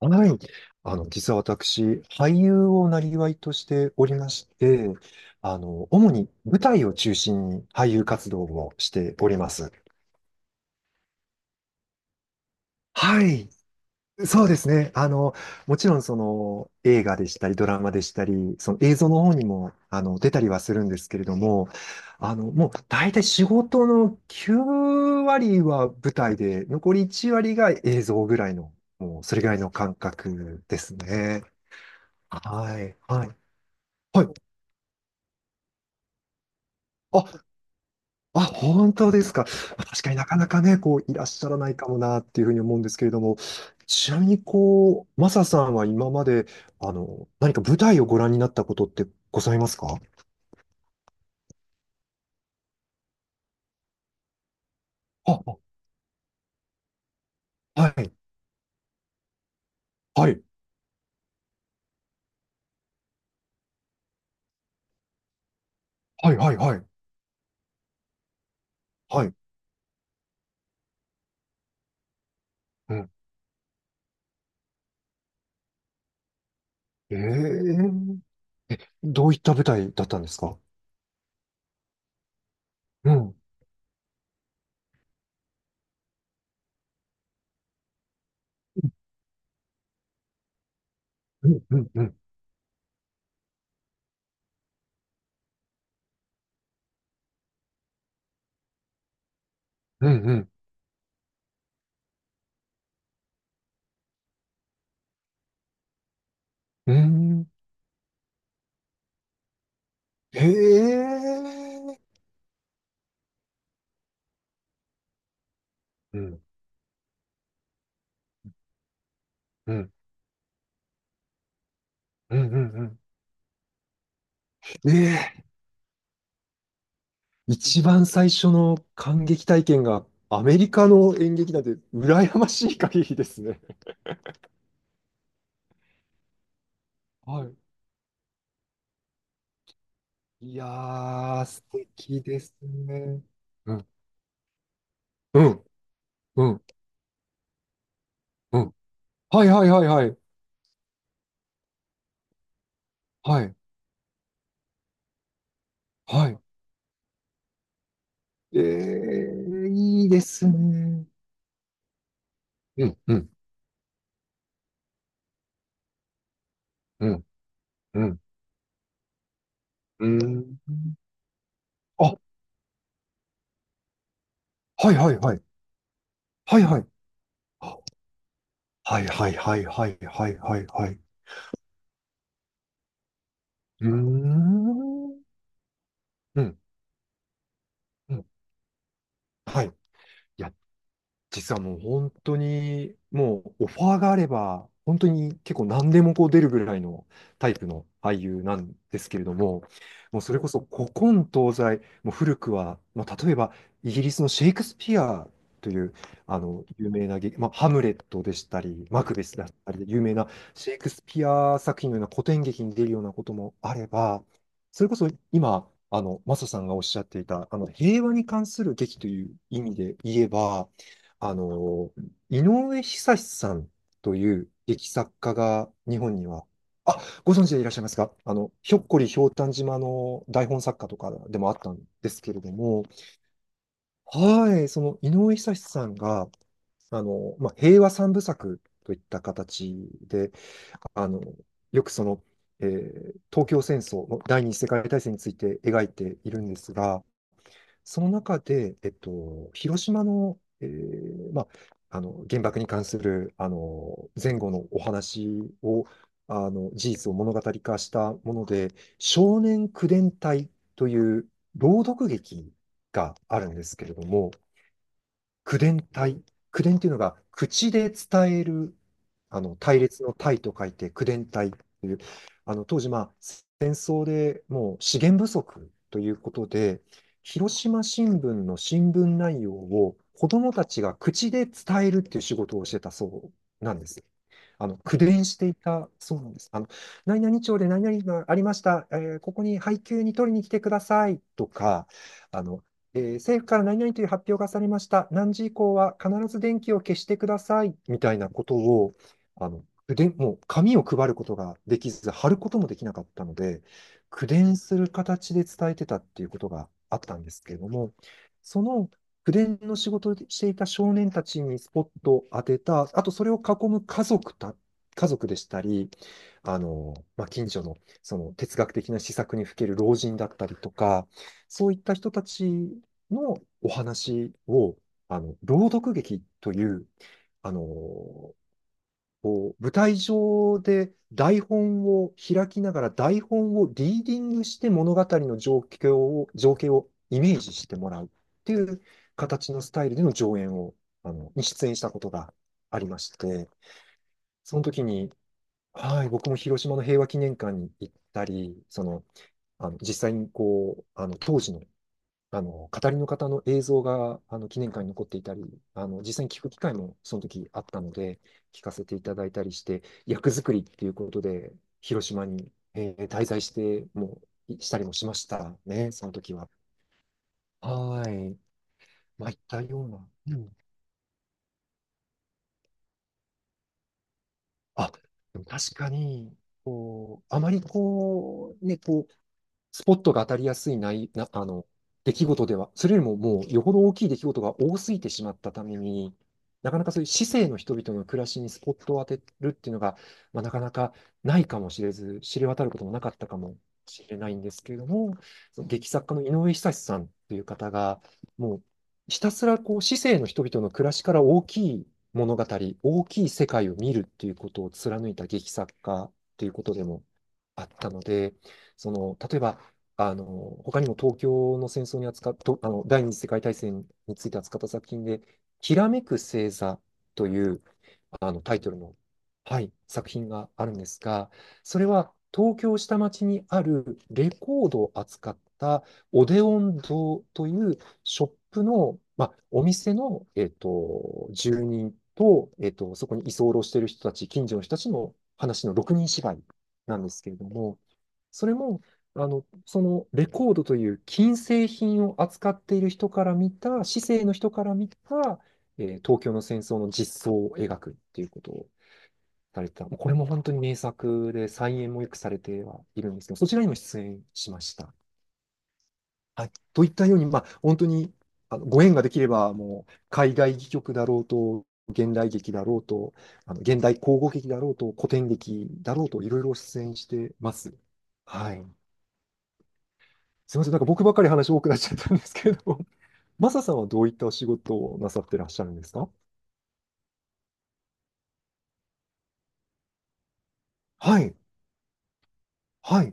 はい。実は私、俳優をなりわいとしておりまして、主に舞台を中心に俳優活動をしております。はい。そうですね。もちろんその映画でしたり、ドラマでしたり、その映像の方にも、出たりはするんですけれども、もう大体仕事の9割は舞台で、残り1割が映像ぐらいの、もうそれぐらいの感覚ですね。はい。はい。はい。あ、あ、本当ですか。まあ確かになかなかね、こう、いらっしゃらないかもなっていうふうに思うんですけれども、ちなみにこう、マサさんは今まで、何か舞台をご覧になったことってございますか？あ、あ、はい、はい、はい、はい、はい、はい。うん。ええ、どういった舞台だったんですか？うん、うん、うん、うん、うん、うん。うん。ええ。うん、うん、うん、うん、うん。ええ。一番最初の感激体験がアメリカの演劇なんて羨ましい限りですね。はい。いやー、素敵ですね。うん、うん、うん、うん。はい、はい、はい、はい。はい、はい。いいですね。うん、うん、うん、うん、うん。あ、はい、はい、はい。はい、はい。あ、はい、はい、はい、はい、はい、はい、はい。うーん。うん、うん。はい。いや、実はもう本当に、もうオファーがあれば、本当に結構何でもこう出るぐらいのタイプの俳優なんですけれども、もうそれこそ古今東西、もう古くは、まあ、例えばイギリスのシェイクスピアというあの有名な劇、まあ、ハムレットでしたり、マクベスだったりで有名なシェイクスピア作品のような古典劇に出るようなこともあれば、それこそ今、マサさんがおっしゃっていた、平和に関する劇という意味で言えば、あの、井上久志さんという劇作家が日本には、あ、ご存知でいらっしゃいますか？ひょっこりひょうたん島の台本作家とかでもあったんですけれども、はい、その井上久志さんが、まあ、平和三部作といった形で、あの、よくその、東京戦争の第二次世界大戦について描いているんですが、その中で、広島の、まあ、あの原爆に関するあの前後のお話を、あの事実を物語化したもので「少年口伝隊」という朗読劇があるんですけれども、口伝体。口伝っていうのが、口で伝える、隊列の隊と書いて、口伝隊という、当時、まあ、戦争でもう資源不足ということで、広島新聞の新聞内容を子どもたちが口で伝えるっていう仕事をしてたそうなんです。口伝していたそうなんです。何々町で何々がありました。ここに配給に取りに来てくださいとか、あの、政府から何々という発表がされました。何時以降は必ず電気を消してください。みたいなことを、で、もう紙を配ることができず、貼ることもできなかったので、口伝する形で伝えてたっていうことがあったんですけれども、その口伝の仕事をしていた少年たちにスポットを当てた、あとそれを囲む家族でしたり、まあ、近所のその哲学的な施策にふける老人だったりとか、そういった人たちのお話を、朗読劇という、こう、舞台上で台本を開きながら台本をリーディングして物語の情景をイメージしてもらうっていう形のスタイルでの上演を、に出演したことがありまして、その時に、はい、僕も広島の平和記念館に行ったり、その、実際にこう、当時の語りの方の映像が、記念館に残っていたり、実際に聞く機会もその時あったので、聞かせていただいたりして、役作りっていうことで、広島に、滞在して、もう、いしたりもしましたね、その時は。はーい。まあ、いったような。うん。あ、でも確かに、こう、あまりこう、ね、こう、スポットが当たりやすいないな、出来事では、それよりももうよほど大きい出来事が多すぎてしまったために、なかなかそういう市政の人々の暮らしにスポットを当てるっていうのが、まあ、なかなかないかもしれず、知れ渡ることもなかったかもしれないんですけれども、その劇作家の井上久志さんという方が、もうひたすらこう市政の人々の暮らしから大きい物語、大きい世界を見るっていうことを貫いた劇作家ということでもあったので、その、例えば、あの、他にも東京の戦争に扱っと第二次世界大戦について扱った作品で、きらめく星座という、タイトルの、はい、作品があるんですが、それは東京下町にあるレコードを扱ったオデオン堂というショップの、まあ、お店の、住人と、そこに居候している人たち、近所の人たちの話の6人芝居なんですけれども、それも、そのレコードという金製品を扱っている人から見た、市井の人から見た、東京の戦争の実相を描くっていうことをされてた。もうこれも本当に名作で、再演もよくされてはいるんですけど、そちらにも出演しました。はい。といったように、まあ、本当に、ご縁ができれば、もう、海外戯曲だろうと、現代劇だろうと、現代口語劇だろうと、古典劇だろうと、いろいろ出演してます。はい。すみません、なんか僕ばっかり話多くなっちゃったんですけれども、マサさんはどういったお仕事をなさってらっしゃるんですか？はい、はい、は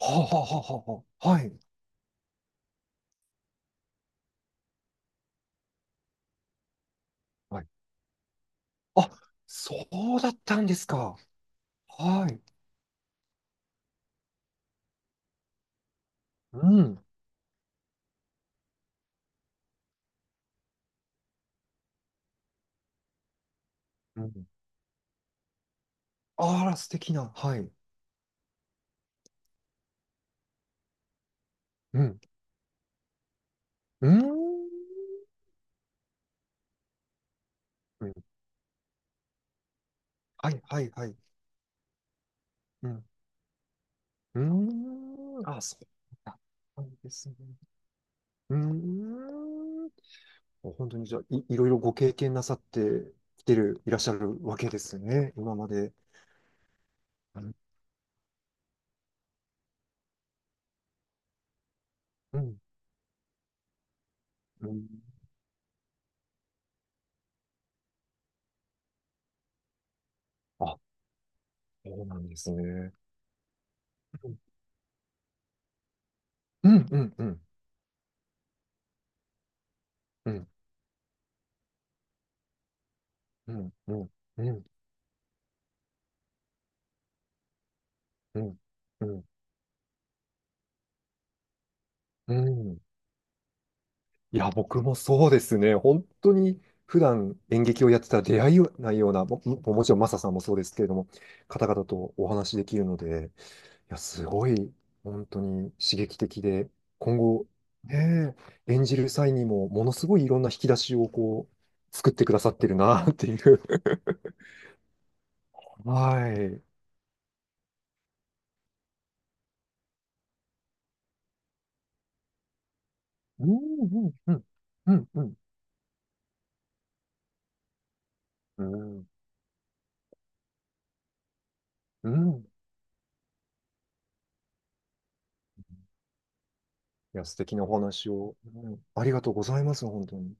あ、はあ、はあ、はあ、はい、はい。あ、そうだったんですか。はい、うん、うん。あら、素敵な、はい、うん、うん、うん、はい、はい、はい、うん、うん、あ、そうだったんですね。うーん、本当にじゃあ、いろいろご経験なさってきてる、いらっしゃるわけですね、今まで。うん、うん。あ、そうなんですね。うん、うん、うん、うん、うん、うん、うん、うん、うん、うん。いや、僕もそうですね。本当に普段演劇をやってたら出会いないような、ももちろんマサさんもそうですけれども、方々とお話しできるので、いや、すごい、本当に刺激的で、今後、ねえ、演じる際にも、ものすごいいろんな引き出しをこう、作ってくださってるな、っていう。はい。うん、うん、うん、うん、うん、うん、うん。いや、素敵なお話を、うん、ありがとうございます、本当に。